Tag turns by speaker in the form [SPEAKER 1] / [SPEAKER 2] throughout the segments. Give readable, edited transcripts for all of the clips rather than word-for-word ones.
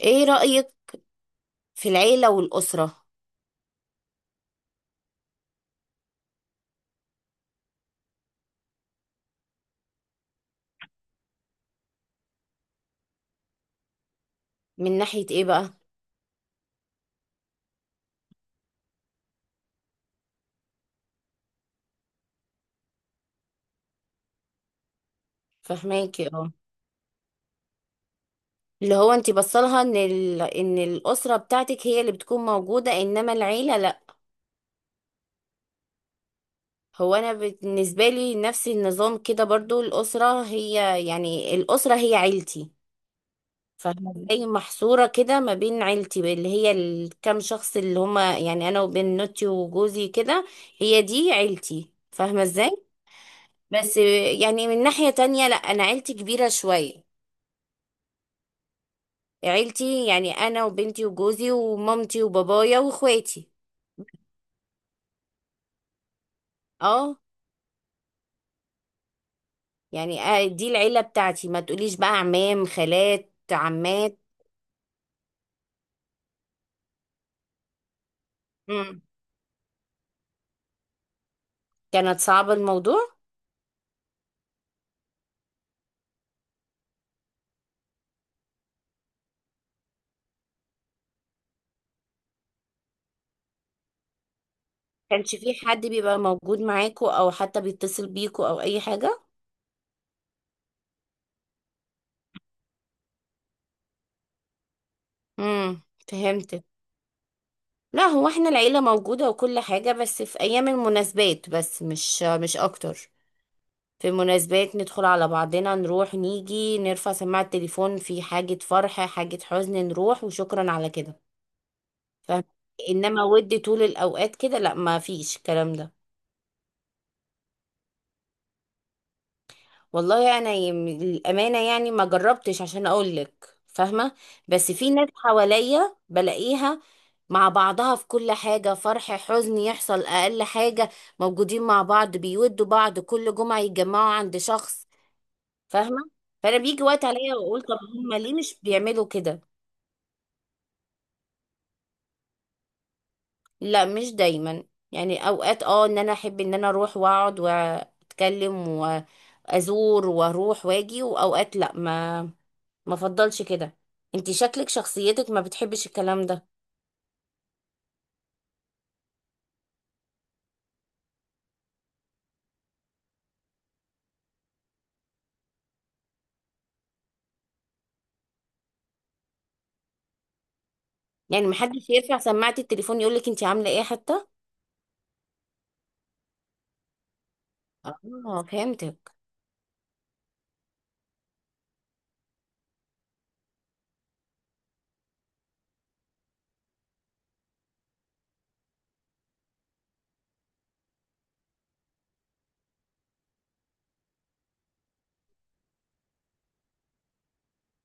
[SPEAKER 1] ايه رأيك في العيلة والأسرة؟ من ناحية ايه بقى؟ فهماكي، اه. اللي هو انتي بصلها ان ان الأسرة بتاعتك هي اللي بتكون موجودة، انما العيلة لا. هو انا بالنسبة لي نفس النظام كده برضو، الأسرة هي يعني الأسرة هي عيلتي. فاهمة؟ زي محصورة كده ما بين عيلتي اللي هي الكام شخص اللي هما يعني انا وبنوتي وجوزي كده. هي دي عيلتي، فاهمة ازاي؟ بس يعني من ناحية تانية لا، انا عيلتي كبيرة شوية. عيلتي يعني انا وبنتي وجوزي ومامتي وبابايا واخواتي. اه يعني آه، دي العيله بتاعتي، ما تقوليش بقى عمام خالات عمات. مم. كانت صعبة الموضوع. كانش في حد بيبقى موجود معاكو او حتى بيتصل بيكو او اي حاجه؟ امم. فهمتك. لا هو احنا العيله موجوده وكل حاجه، بس في ايام المناسبات بس، مش اكتر. في مناسبات ندخل على بعضنا، نروح نيجي نرفع سماعة التليفون، في حاجة فرح حاجة حزن نروح، وشكرا على كده. فاهم؟ انما ود طول الاوقات كده لا، ما فيش الكلام ده. والله انا الامانة يعني ما جربتش عشان اقول لك، فاهمة؟ بس في ناس حواليا بلاقيها مع بعضها في كل حاجة، فرح حزن يحصل اقل حاجة موجودين مع بعض، بيودوا بعض، كل جمعة يتجمعوا عند شخص. فاهمه؟ فانا بيجي وقت عليا واقول طب هم ليه مش بيعملوا كده؟ لا مش دايما، يعني اوقات اه ان انا احب ان انا اروح واقعد واتكلم وازور واروح واجي، واوقات لا ما افضلش كده. انت شكلك شخصيتك ما بتحبش الكلام ده. يعني محدش يرفع سماعة التليفون يقولك انت عامله ايه حتى؟ اه، فهمتك.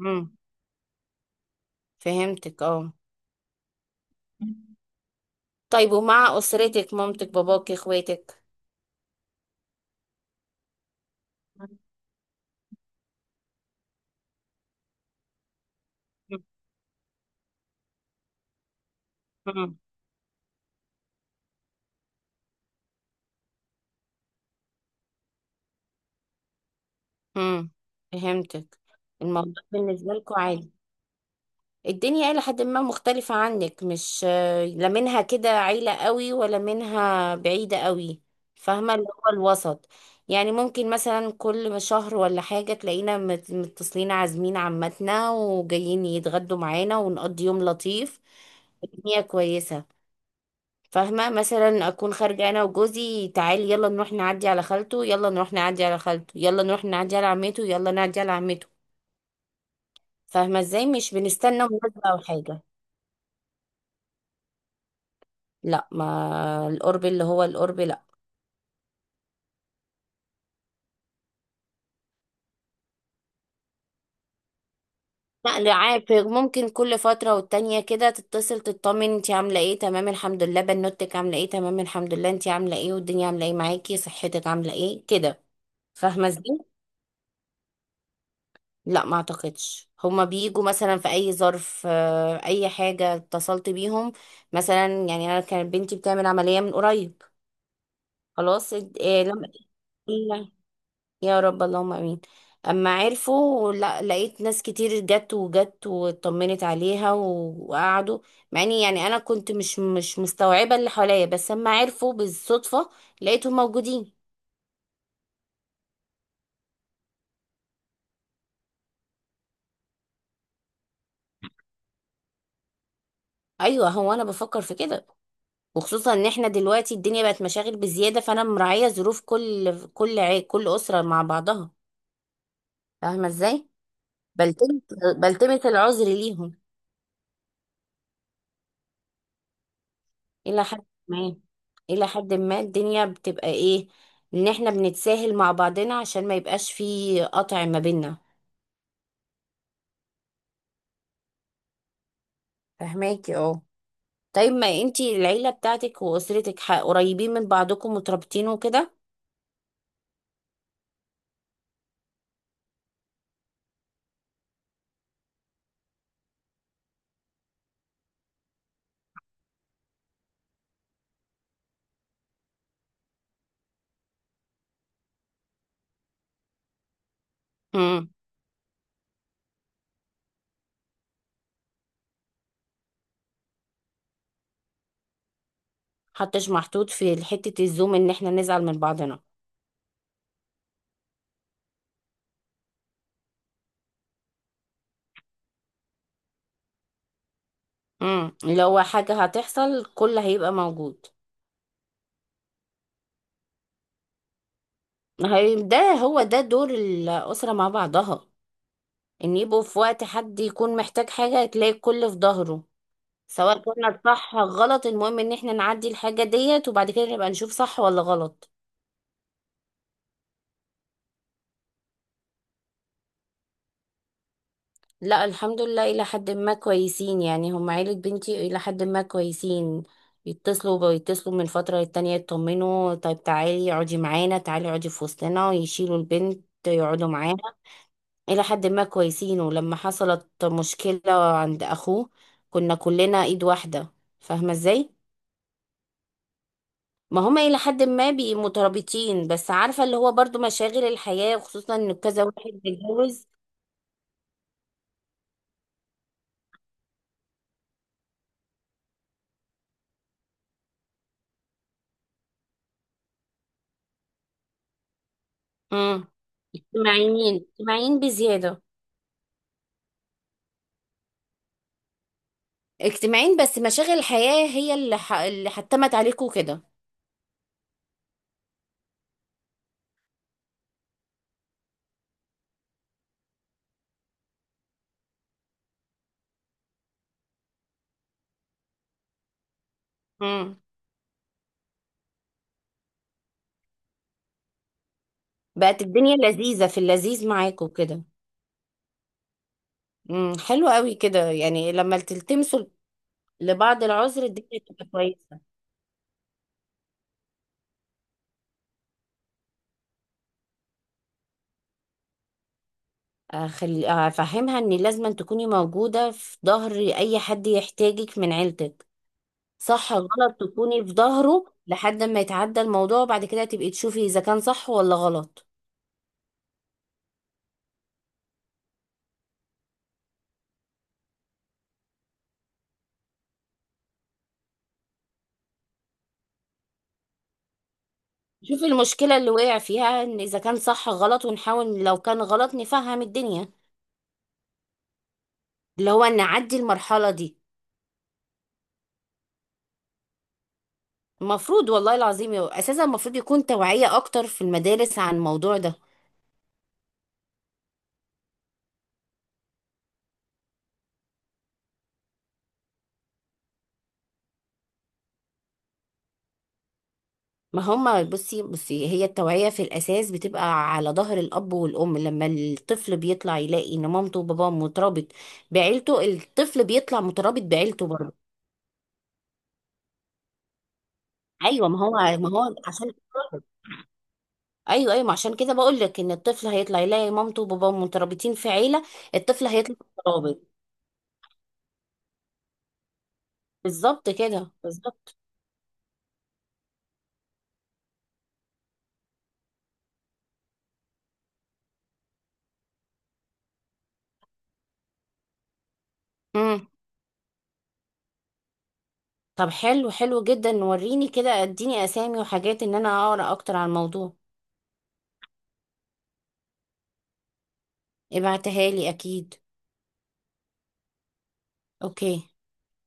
[SPEAKER 1] امم، فهمتك اه. طيب ومع اسرتك، مامتك باباك اخواتك؟ مم. امم، فهمتك. الموضوع بالنسبة لكم عادي. الدنيا إلى حد ما مختلفة عنك، مش لا منها كده عيلة قوي ولا منها بعيدة قوي. فاهمة؟ اللي هو الوسط. يعني ممكن مثلا كل شهر ولا حاجة تلاقينا متصلين، عازمين عمتنا وجايين يتغدوا معانا ونقضي يوم لطيف. الدنيا كويسة. فاهمة؟ مثلا أكون خارجة أنا وجوزي، تعالي يلا نروح نعدي على خالته، يلا نروح نعدي على خالته، يلا نروح نعدي على عمته، يلا نعدي على عمته. فاهمة ازاي؟ مش بنستنى مناسبة او حاجة. لا، ما القرب اللي هو القرب لا. لا ده عارف ممكن كل فترة والتانية كده تتصل تطمن، انتي عاملة ايه، تمام الحمد لله، بنوتك عاملة ايه، تمام الحمد لله، انتي عاملة ايه، والدنيا عاملة ايه معاكي، صحتك عاملة ايه كده. فاهمة ازاي؟ لا ما اعتقدش، هما بيجوا مثلا في اي ظرف، اي حاجة اتصلت بيهم. مثلا يعني انا كانت بنتي بتعمل عملية من قريب. خلاص، إيه. لما يا رب، اللهم امين. اما عرفوا، لا، لقيت ناس كتير جت وجت واطمنت عليها وقعدوا، مع اني يعني انا كنت مش مستوعبه اللي حواليا، بس اما عرفوا بالصدفه لقيتهم موجودين. ايوه هو انا بفكر في كده، وخصوصا ان احنا دلوقتي الدنيا بقت مشاغل بزياده، فانا مراعيه ظروف كل اسره مع بعضها. فاهمه ازاي؟ بلتمس بلتمس العذر ليهم. إلى حد ما إلى حد ما الدنيا بتبقى إيه، إن إحنا بنتساهل مع بعضنا عشان ما يبقاش في قطع ما بينا. فهماكي اه. طيب ما انتي العيلة بتاعتك وأسرتك قريبين من بعضكم مترابطين وكده؟ امم، حتش محطوط في حتة الزوم إن إحنا نزعل من بعضنا. امم، لو حاجة هتحصل كل هيبقى موجود. ده هو ده دور الأسرة مع بعضها، إن يبقوا في وقت حد يكون محتاج حاجة تلاقي الكل في ظهره. سواء كنا صح غلط، المهم ان احنا نعدي الحاجة ديت، وبعد كده نبقى نشوف صح ولا غلط. لا الحمد لله، الى حد ما كويسين، يعني هم عيلة بنتي الى حد ما كويسين. بيتصلوا من فترة للتانية يطمنوا، طيب تعالي اقعدي معانا، تعالي اقعدي في وسطنا، ويشيلوا البنت يقعدوا معانا. الى حد ما كويسين. ولما حصلت مشكلة عند اخوه كنا كلنا ايد واحدة، فاهمة ازاي؟ ما هما إلى حد ما بي مترابطين، بس عارفة اللي هو برضو مشاغل الحياة، وخصوصا إن كذا واحد بيتجوز. امم. اجتماعيين، اجتماعيين بزيادة. اجتماعيين، بس مشاغل الحياة هي اللي حتمت عليكوا كده. امم. بقت الدنيا لذيذة، في اللذيذ معاكوا كده. امم، حلو قوي كده، يعني لما تلتمسوا لبعض العذر الدنيا تبقى كويسة. أفهمها إن لازم تكوني موجودة في ظهر أي حد يحتاجك من عيلتك. صح غلط تكوني في ظهره لحد ما يتعدى الموضوع، وبعد كده تبقي تشوفي اذا كان صح ولا غلط. شوفي المشكلة اللي وقع فيها، ان اذا كان صح غلط، ونحاول لو كان غلط نفهم الدنيا، اللي هو نعدي المرحلة دي. المفروض والله العظيم، اساسا المفروض يكون توعية اكتر في المدارس عن الموضوع ده. ما هما، بصي بصي، هي التوعية في الاساس بتبقى على ظهر الاب والام. لما الطفل بيطلع يلاقي ان مامته وباباه مترابط بعيلته، الطفل بيطلع مترابط بعيلته برضه. ايوه ما هو عشان، ايوه ايوه، ما عشان كده بقول لك ان الطفل هيطلع يلاقي مامته وباباه مترابطين في عيله، الطفل هيطلع مترابط. بالظبط كده، بالظبط. امم. طب حلو، حلو جدا، وريني كده، اديني اسامي وحاجات ان انا اقرا اكتر عن الموضوع. ابعتها لي اكيد. اوكي.